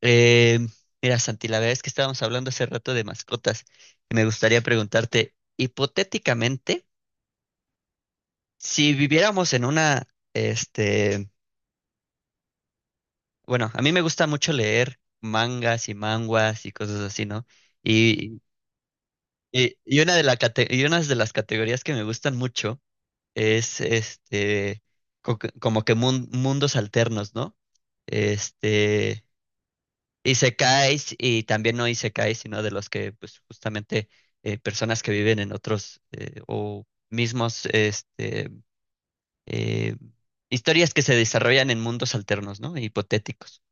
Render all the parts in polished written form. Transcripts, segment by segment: Eh, mira, Santi, la verdad es que estábamos hablando hace rato de mascotas y me gustaría preguntarte, hipotéticamente, si viviéramos en una, este, bueno, a mí me gusta mucho leer mangas y manguas y cosas así, ¿no? Y, y una de la cate- y unas de las categorías que me gustan mucho es, como que mundos alternos, ¿no? Este, Isekais y también no isekais, sino de los que pues justamente personas que viven en otros o mismos eh, historias que se desarrollan en mundos alternos, ¿no? Hipotéticos.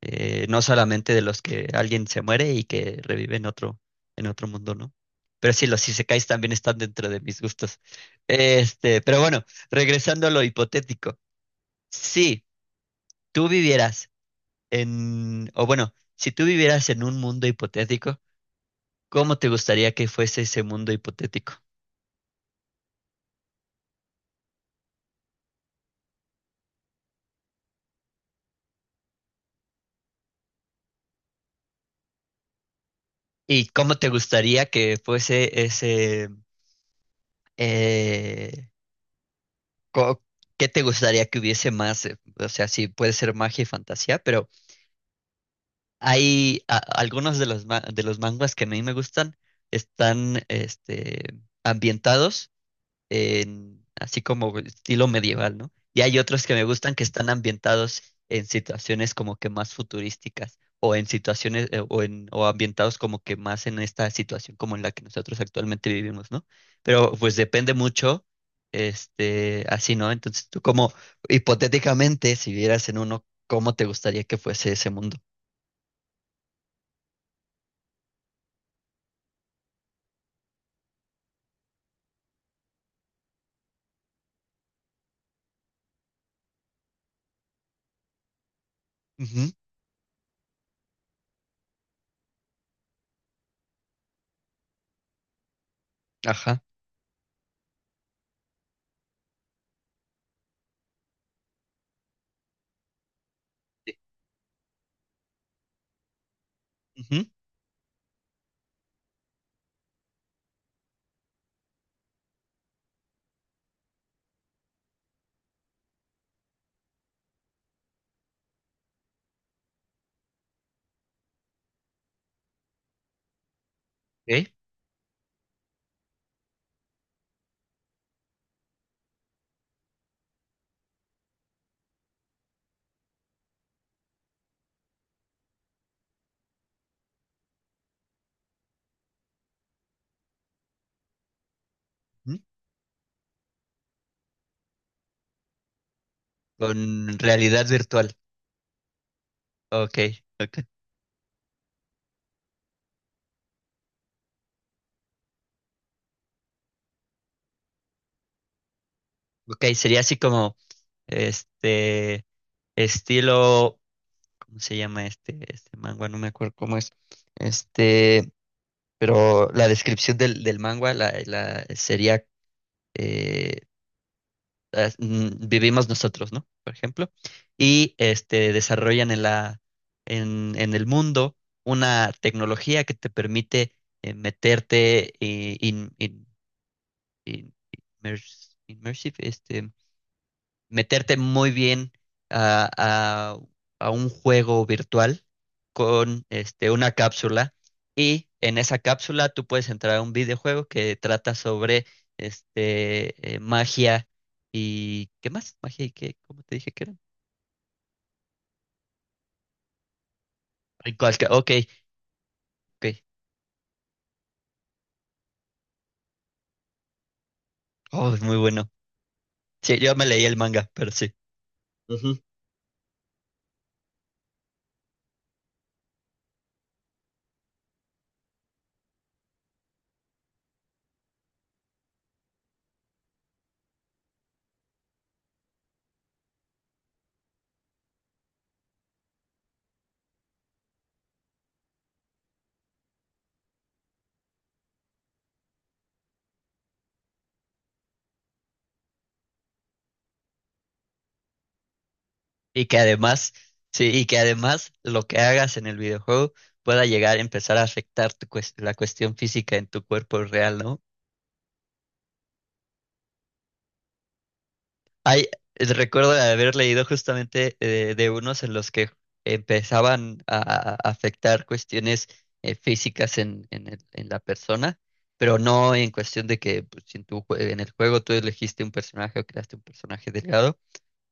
No solamente de los que alguien se muere y que revive en otro mundo, ¿no? Pero sí, los isekais también están dentro de mis gustos. Pero bueno, regresando a lo hipotético. Si tú vivieras en, o bueno, si tú vivieras en un mundo hipotético, ¿cómo te gustaría que fuese ese mundo hipotético? ¿Y cómo te gustaría que fuese ese... eh, co- qué te gustaría que hubiese más? O sea, sí, puede ser magia y fantasía, pero hay algunos de los, de los manguas que a mí me gustan, están ambientados en- así como estilo medieval, ¿no? Y hay otros que me gustan que están ambientados en situaciones como que más futurísticas o en situaciones o en o ambientados como que más en esta situación como en la que nosotros actualmente vivimos, ¿no? Pero pues depende mucho así, ¿no? Entonces tú como hipotéticamente si vieras en uno, ¿cómo te gustaría que fuese ese mundo? Ujú, ajá, sí, ujú, ok, ujú. Con realidad virtual. Ok, ok. Ok, sería así como Este, estilo, ¿cómo se llama este? Este manga, no me acuerdo cómo es. Este, pero la descripción del manga la sería eh, vivimos nosotros, ¿no? Por ejemplo. Y este desarrollan en la en el mundo una tecnología que te permite meterte in- immersive, meterte muy bien a, a- a un juego virtual con una cápsula y en esa cápsula tú puedes entrar a un videojuego que trata sobre magia y... ¿Qué más? Magia y qué, ¿cómo te dije que era? Ay, ok, ok. Oh, es muy bueno. Sí, yo me leí el manga, pero sí. Ujú. Y que además, sí, y que además lo que hagas en el videojuego pueda llegar a empezar a afectar la cuestión física en tu cuerpo real, ¿no? Hay, recuerdo haber leído justamente de unos en los que empezaban a afectar cuestiones físicas en, en la persona, pero no en cuestión de que pues, si en, en el juego tú elegiste un personaje o creaste un personaje delgado,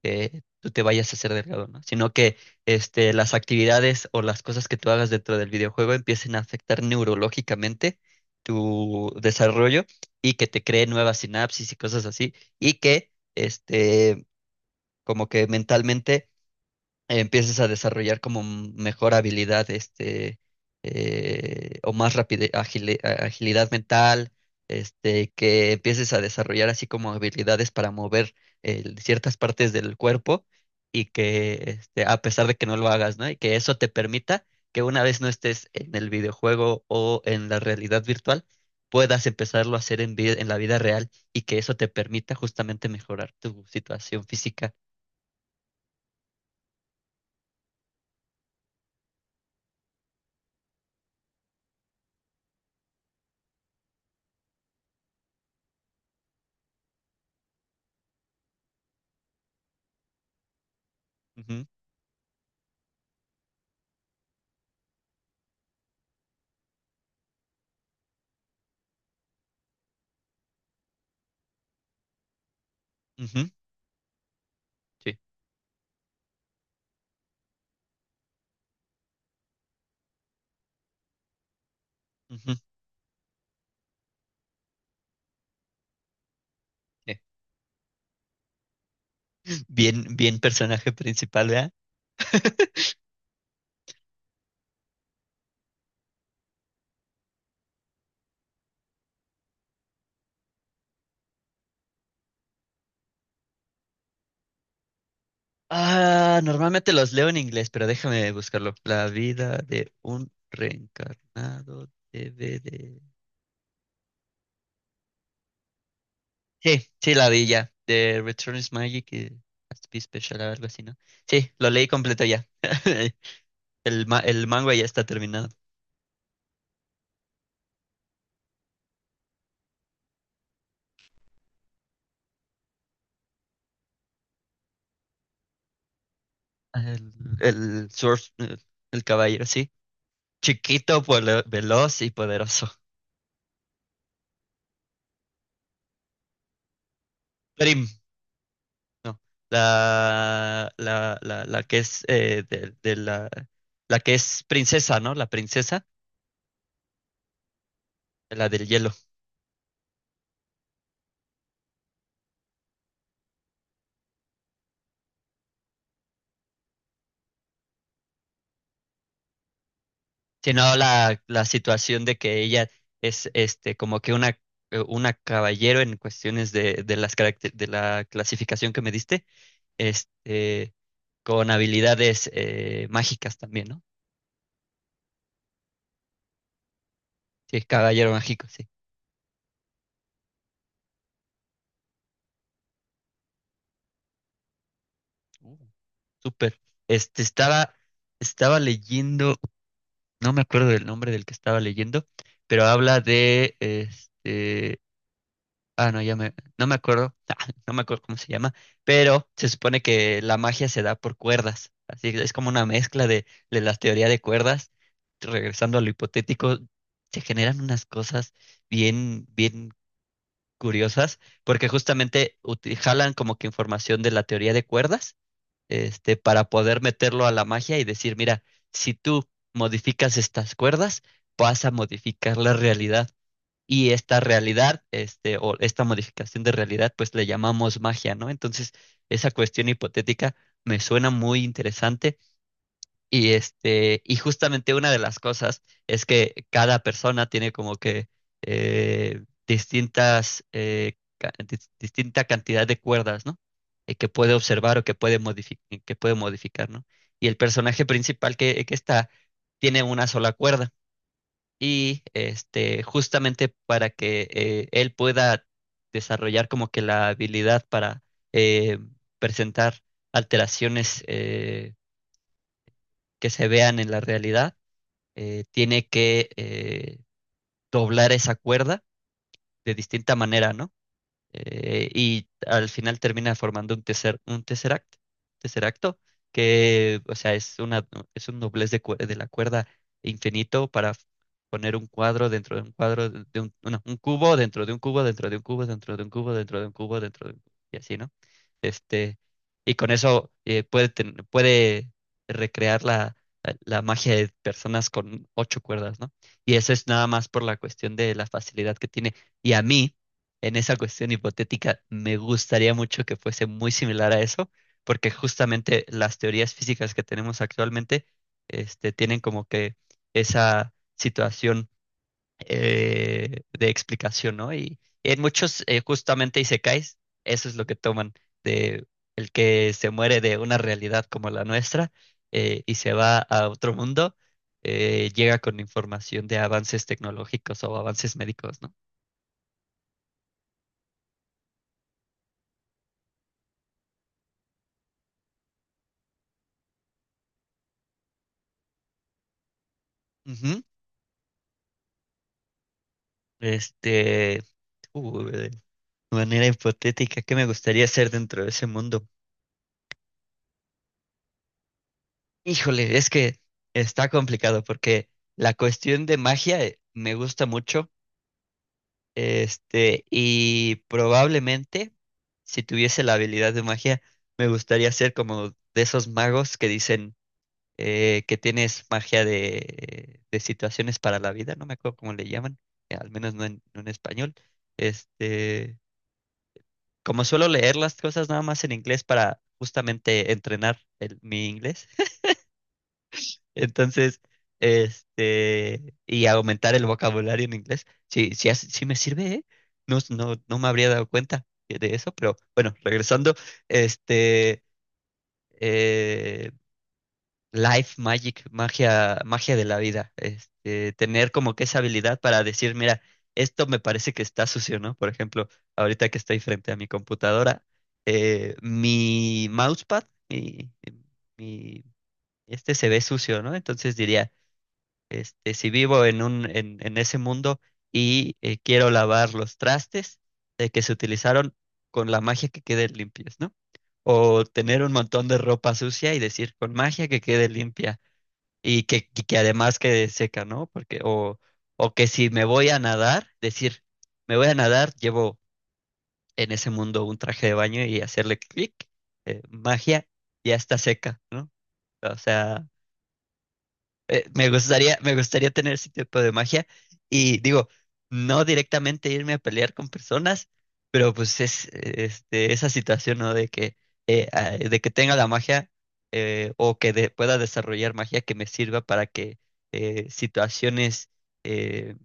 tú te vayas a hacer delgado, ¿no? Sino que las actividades o las cosas que tú hagas dentro del videojuego empiecen a afectar neurológicamente tu desarrollo y que te cree nuevas sinapsis y cosas así, y que como que mentalmente empieces a desarrollar como mejor habilidad, o más agilidad mental, que empieces a desarrollar así como habilidades para mover ciertas partes del cuerpo y que, a pesar de que no lo hagas, ¿no? Y que eso te permita que una vez no estés en el videojuego o en la realidad virtual, puedas empezarlo a hacer en, en la vida real y que eso te permita justamente mejorar tu situación física. Ujú, ujú, sí. Bien, bien personaje principal, ¿verdad? Ah, normalmente los leo en inglés, pero déjame buscarlo. La vida de un reencarnado DVD. Sí, sí, la vi ya. The Return is Magic y Has to be Special, algo así, ¿no? Sí, lo leí completo ya. El, el manga ya está terminado. El, el Sword- el caballero, sí. Chiquito, veloz y poderoso. Prim, no, la que es de la, la que es princesa, ¿no? La princesa, la del hielo. Sino la situación de que ella es este como que una caballero en cuestiones de de la clasificación que me diste, este, con habilidades mágicas también, ¿no? Sí, caballero mágico, sí. Uh, súper. Este estaba, estaba leyendo. No me acuerdo del nombre del que estaba leyendo, pero habla de no me acuerdo, ah, no me acuerdo cómo se llama, pero se supone que la magia se da por cuerdas, así que es como una mezcla de las teorías de cuerdas, regresando a lo hipotético, se generan unas cosas bien, bien curiosas, porque justamente jalan como que información de la teoría de cuerdas para poder meterlo a la magia y decir, mira, si tú modificas estas cuerdas, vas a modificar la realidad. Y esta realidad, o esta modificación de realidad, pues le llamamos magia, ¿no? Entonces, esa cuestión hipotética me suena muy interesante. Y y justamente una de las cosas es que cada persona tiene como que distinta cantidad de cuerdas, ¿no? Que puede observar o que puede modificar, ¿no? Y el personaje principal que está tiene una sola cuerda. Y justamente para que él pueda desarrollar como que la habilidad para eh, presentar alteraciones que se vean en la realidad, tiene que doblar esa cuerda de distinta manera, ¿no? Y al final termina formando un tesseract, tesseracto, que, o sea, es una, es un doblez de la cuerda infinito poner un cuadro dentro de un cuadro, de un, no, un cubo dentro de un cubo, dentro de un cubo, dentro de un cubo, dentro de un cubo, dentro de un cubo, y así, ¿no? Este, y con eso puede recrear la magia de personas con ocho cuerdas, ¿no? Y eso es nada más por la cuestión de la facilidad que tiene. Y a mí, en esa cuestión hipotética, me gustaría mucho que fuese muy similar a eso, porque justamente las teorías físicas que tenemos actualmente, tienen como que esa situación de explicación, ¿no? Y en muchos, justamente isekais, eso es lo que toman de el que se muere de una realidad como la nuestra, y se va a otro mundo, llega con información de avances tecnológicos o avances médicos, ¿no? Ujú. Este, de manera hipotética, ¿qué me gustaría hacer dentro de ese mundo? Híjole, es que está complicado porque la cuestión de magia me gusta mucho, y probablemente si tuviese la habilidad de magia, me gustaría ser como de esos magos que dicen que tienes magia de situaciones para la vida, no me acuerdo cómo le llaman, al menos no en, no en español, este como suelo leer las cosas nada más en inglés para justamente entrenar mi inglés, entonces, y aumentar el vocabulario en inglés, sí, sí, sí me sirve, ¿eh? No, no, no me habría dado cuenta de eso, pero bueno, regresando, este, eh, Life Magic, magia, magia de la vida. Tener como que esa habilidad para decir, mira, esto me parece que está sucio, ¿no? Por ejemplo, ahorita que estoy frente a mi computadora, mi mousepad, mi- este se ve sucio, ¿no? Entonces diría, si vivo en un, en ese mundo y quiero lavar los trastes de que se utilizaron con la magia que queden limpios, ¿no? O tener un montón de ropa sucia y decir, con magia que quede limpia y que además quede seca, ¿no? Porque, o que si me voy a nadar, decir, me voy a nadar, llevo en ese mundo un traje de baño y hacerle clic, magia, ya está seca, ¿no? O sea, me gustaría tener ese tipo de magia y digo, no directamente irme a pelear con personas, pero pues es esa situación, ¿no? De que tenga la magia, pueda desarrollar magia que me sirva para que situaciones eh,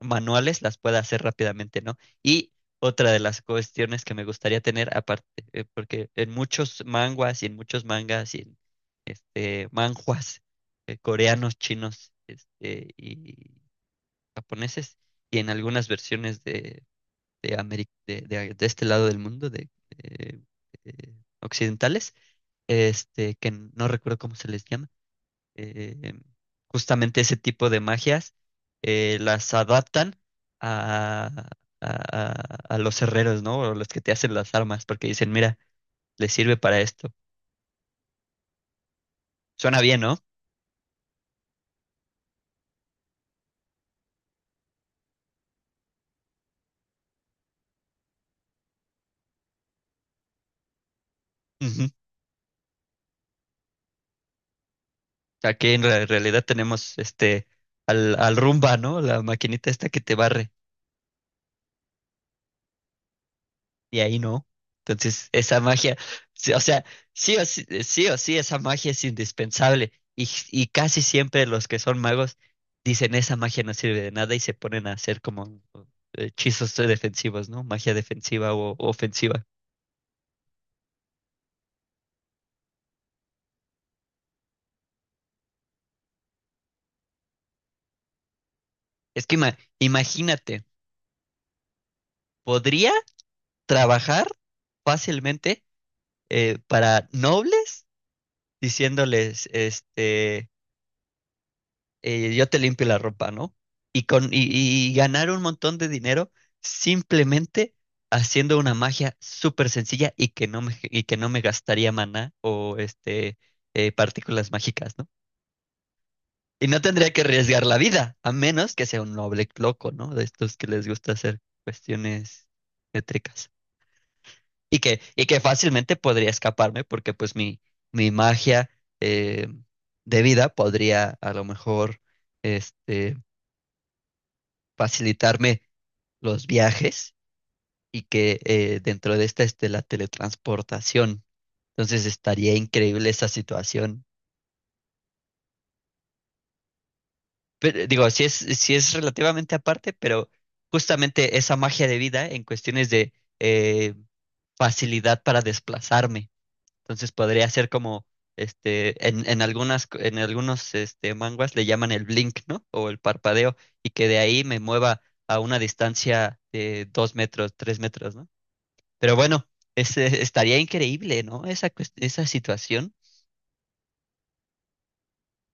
manuales las pueda hacer rápidamente, ¿no? Y otra de las cuestiones que me gustaría tener aparte, porque en muchos manguas y en muchos mangas y en manhwas coreanos, chinos y japoneses, y en algunas versiones de este lado del mundo, de occidentales, que no recuerdo cómo se les llama, eh, justamente ese tipo de magias, las adaptan a, a- a- a los herreros, ¿no? O los que te hacen las armas, porque dicen, mira, les sirve para esto. Suena bien, ¿no? Ujú. Aquí realidad tenemos al Roomba, ¿no? La maquinita esta que te barre. Y ahí no. Entonces, esa magia, sí, o sea, sí o sí, esa magia es indispensable. Y casi siempre los que son magos dicen esa magia no sirve de nada y se ponen a hacer como uh, hechizos defensivos, ¿no? Magia defensiva o ofensiva. Es que imagínate, podría trabajar fácilmente para nobles diciéndoles, yo te limpio la ropa, ¿no? Y, con, y, y ganar un montón de dinero simplemente haciendo una magia súper sencilla y que no me, y que no me gastaría maná o partículas mágicas, ¿no? Y no tendría que arriesgar la vida, a menos que sea un noble loco, ¿no? De estos que les gusta hacer cuestiones métricas. Y que fácilmente podría escaparme porque pues mi magia eh, de vida podría a lo mejor este, facilitarme los viajes y que dentro de esta esté la teletransportación. Entonces estaría increíble esa situación. Pero, digo, si es, si es relativamente aparte, pero justamente esa magia de vida en cuestiones de eh, facilidad para desplazarme. Entonces podría ser como en algunas, en algunos manguas le llaman el blink, ¿no? O el parpadeo, y que de ahí me mueva a una distancia de 2 metros, 3 metros, ¿no? Pero bueno, estaría increíble, ¿no? Esa, esa situación.